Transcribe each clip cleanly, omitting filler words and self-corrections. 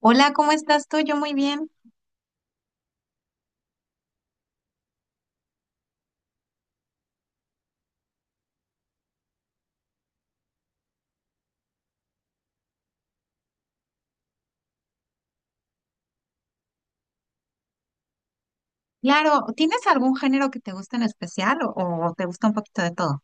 Hola, ¿cómo estás tú? Yo muy bien. Claro, ¿tienes algún género que te guste en especial o te gusta un poquito de todo?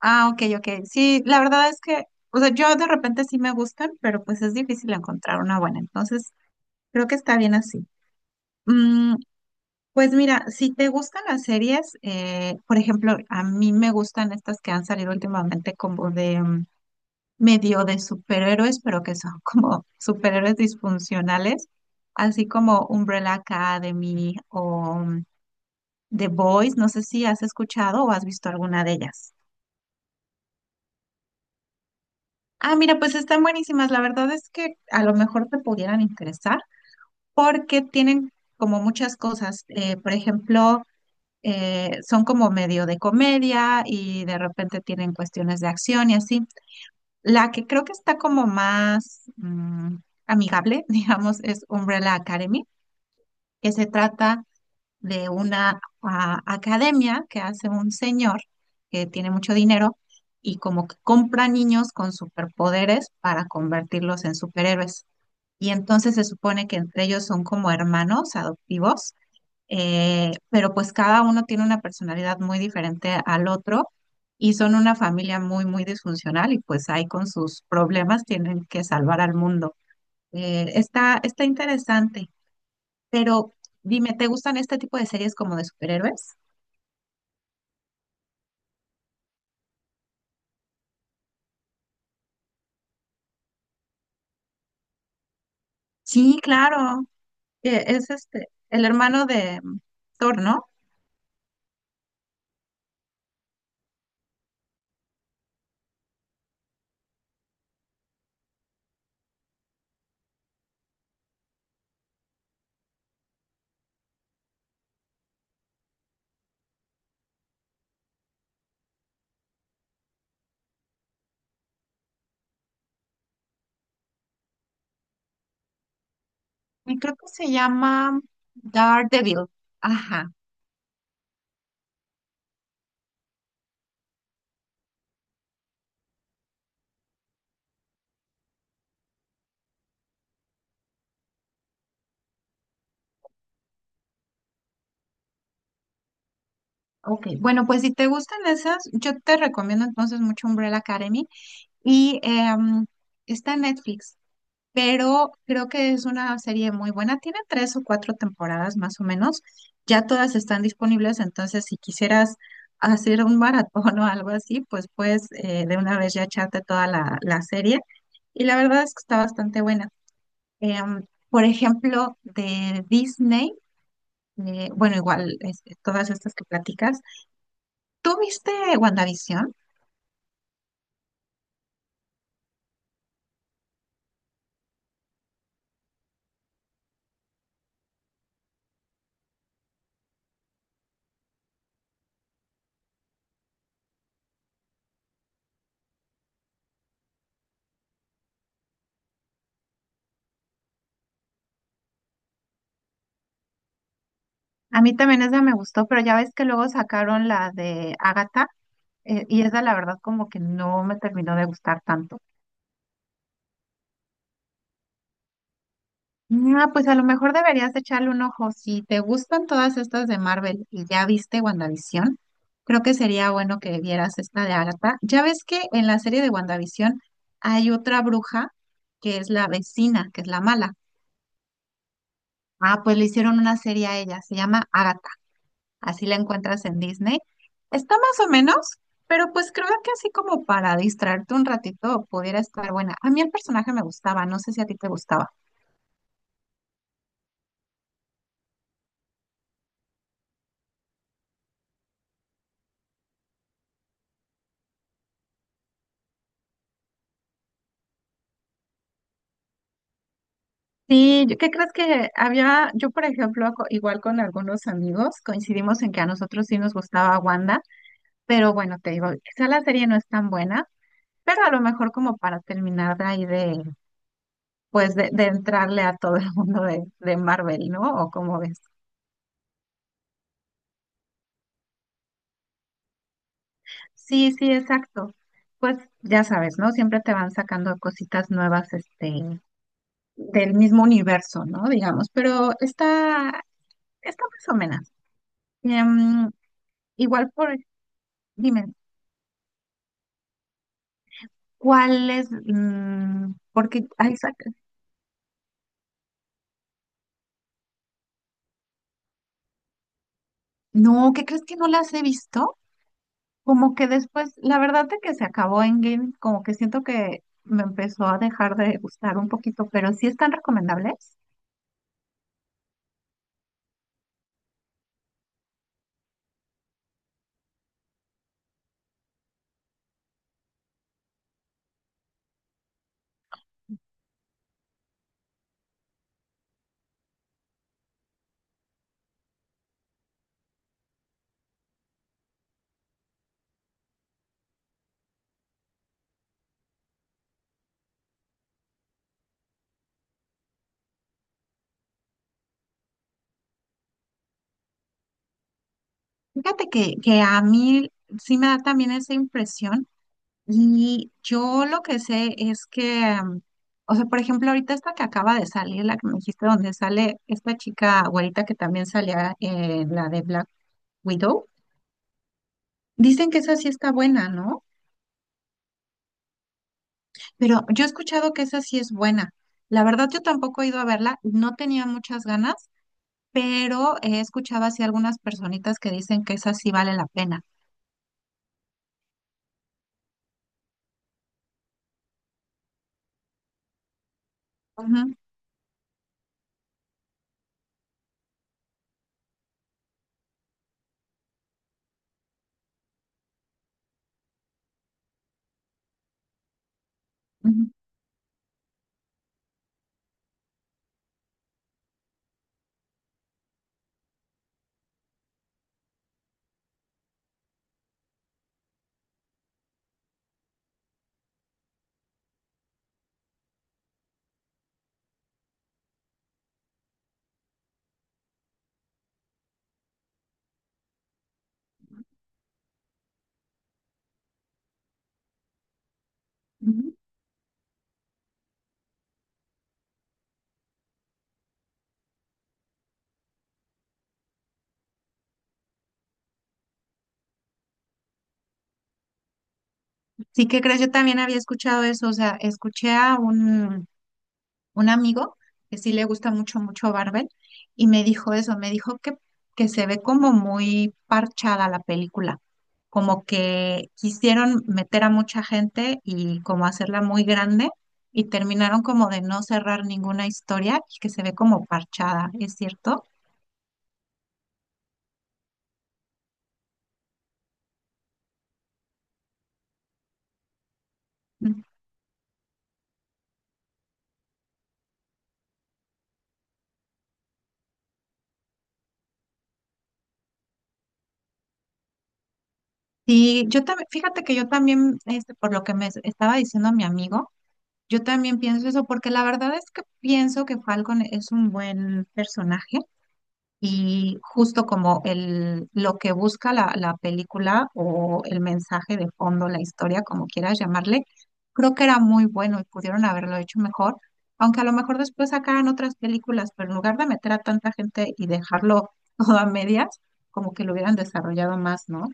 Ah, ok, ok. Sí, la verdad es que, o sea, yo de repente sí me gustan, pero pues es difícil encontrar una buena. Entonces, creo que está bien así. Mm, pues mira, si te gustan las series, por ejemplo, a mí me gustan estas que han salido últimamente como de medio de superhéroes, pero que son como superhéroes disfuncionales, así como Umbrella Academy o The Boys, no sé si has escuchado o has visto alguna de ellas. Ah, mira, pues están buenísimas. La verdad es que a lo mejor te pudieran interesar porque tienen como muchas cosas. Por ejemplo, son como medio de comedia y de repente tienen cuestiones de acción y así. La que creo que está como más amigable, digamos, es Umbrella Academy, que se trata de una academia que hace un señor que tiene mucho dinero y como que compra niños con superpoderes para convertirlos en superhéroes. Y entonces se supone que entre ellos son como hermanos adoptivos, pero pues cada uno tiene una personalidad muy diferente al otro y son una familia muy, muy disfuncional y pues ahí con sus problemas tienen que salvar al mundo. Está interesante. Pero dime, ¿te gustan este tipo de series como de superhéroes? Sí, claro. que Es este, el hermano de Thor, ¿no? Y creo que se llama Daredevil. Ajá. Ok. Bueno, pues si te gustan esas, yo te recomiendo entonces mucho Umbrella Academy. Y está en Netflix, pero creo que es una serie muy buena. Tiene tres o cuatro temporadas más o menos. Ya todas están disponibles, entonces si quisieras hacer un maratón o algo así, pues puedes de una vez ya echarte toda la serie. Y la verdad es que está bastante buena. Em, por ejemplo, de Disney, bueno, igual todas estas que platicas. ¿Tú viste WandaVision? A mí también esa me gustó, pero ya ves que luego sacaron la de Agatha. Y esa la verdad como que no me terminó de gustar tanto. Ah, pues a lo mejor deberías de echarle un ojo. Si te gustan todas estas de Marvel y ya viste WandaVision, creo que sería bueno que vieras esta de Agatha. Ya ves que en la serie de WandaVision hay otra bruja que es la vecina, que es la mala. Ah, pues le hicieron una serie a ella, se llama Agatha, así la encuentras en Disney. Está más o menos, pero pues creo que así como para distraerte un ratito pudiera estar buena. A mí el personaje me gustaba, no sé si a ti te gustaba. Sí, ¿qué crees que había? Yo, por ejemplo, igual con algunos amigos coincidimos en que a nosotros sí nos gustaba Wanda, pero bueno, te digo, quizá la serie no es tan buena, pero a lo mejor como para terminar de ahí pues de entrarle a todo el mundo de Marvel, ¿no? O como ves. Sí, sí, exacto. Pues ya sabes, ¿no? Siempre te van sacando cositas nuevas, este, del mismo universo, ¿no? Digamos, pero está más o menos. Em, Igual dime, ¿cuáles? Porque hay no, ¿qué crees que no las he visto? Como que después, la verdad de que se acabó Endgame, como que siento que me empezó a dejar de gustar un poquito, pero sí están recomendables. Fíjate que a mí sí me da también esa impresión. Y yo lo que sé es que, o sea, por ejemplo, ahorita esta que acaba de salir, la que me dijiste donde sale esta chica güerita que también salía en la de Black Widow, dicen que esa sí está buena, ¿no? Pero yo he escuchado que esa sí es buena. La verdad, yo tampoco he ido a verla, no tenía muchas ganas, pero he escuchado así algunas personitas que dicen que esa sí vale la pena. Ujú, ujú, ujú. Sí, ¿qué crees? Yo también había escuchado eso, o sea, escuché a un amigo que sí le gusta mucho, mucho Marvel, y me dijo eso, me dijo que se ve como muy parchada la película, como que quisieron meter a mucha gente y como hacerla muy grande, y terminaron como de no cerrar ninguna historia y que se ve como parchada, ¿es cierto? Mm. Sí, yo también, fíjate que yo también, este, por lo que me estaba diciendo mi amigo, yo también pienso eso, porque la verdad es que pienso que Falcon es un buen personaje. Y justo como lo que busca la, la película o el mensaje de fondo, la historia, como quieras llamarle, creo que era muy bueno y pudieron haberlo hecho mejor, aunque a lo mejor después sacaran otras películas, pero en lugar de meter a tanta gente y dejarlo todo a medias, como que lo hubieran desarrollado más, ¿no?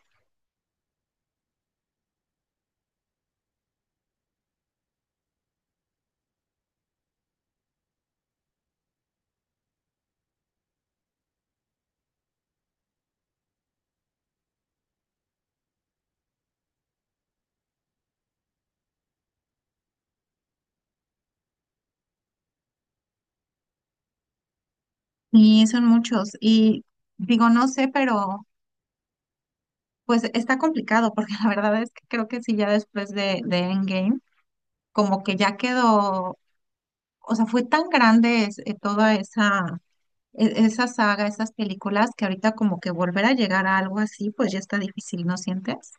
Y son muchos. Y digo, no sé, pero pues está complicado, porque la verdad es que creo que sí, ya después de Endgame, como que ya quedó, o sea, fue tan grande toda esa, esa saga, esas películas, que ahorita como que volver a llegar a algo así, pues ya está difícil, ¿no sientes?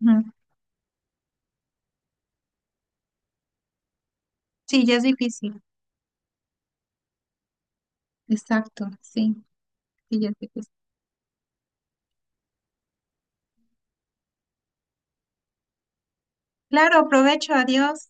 Ujú. Sí, ya es difícil, exacto, sí, sí, ya es difícil. Claro, provecho, adiós.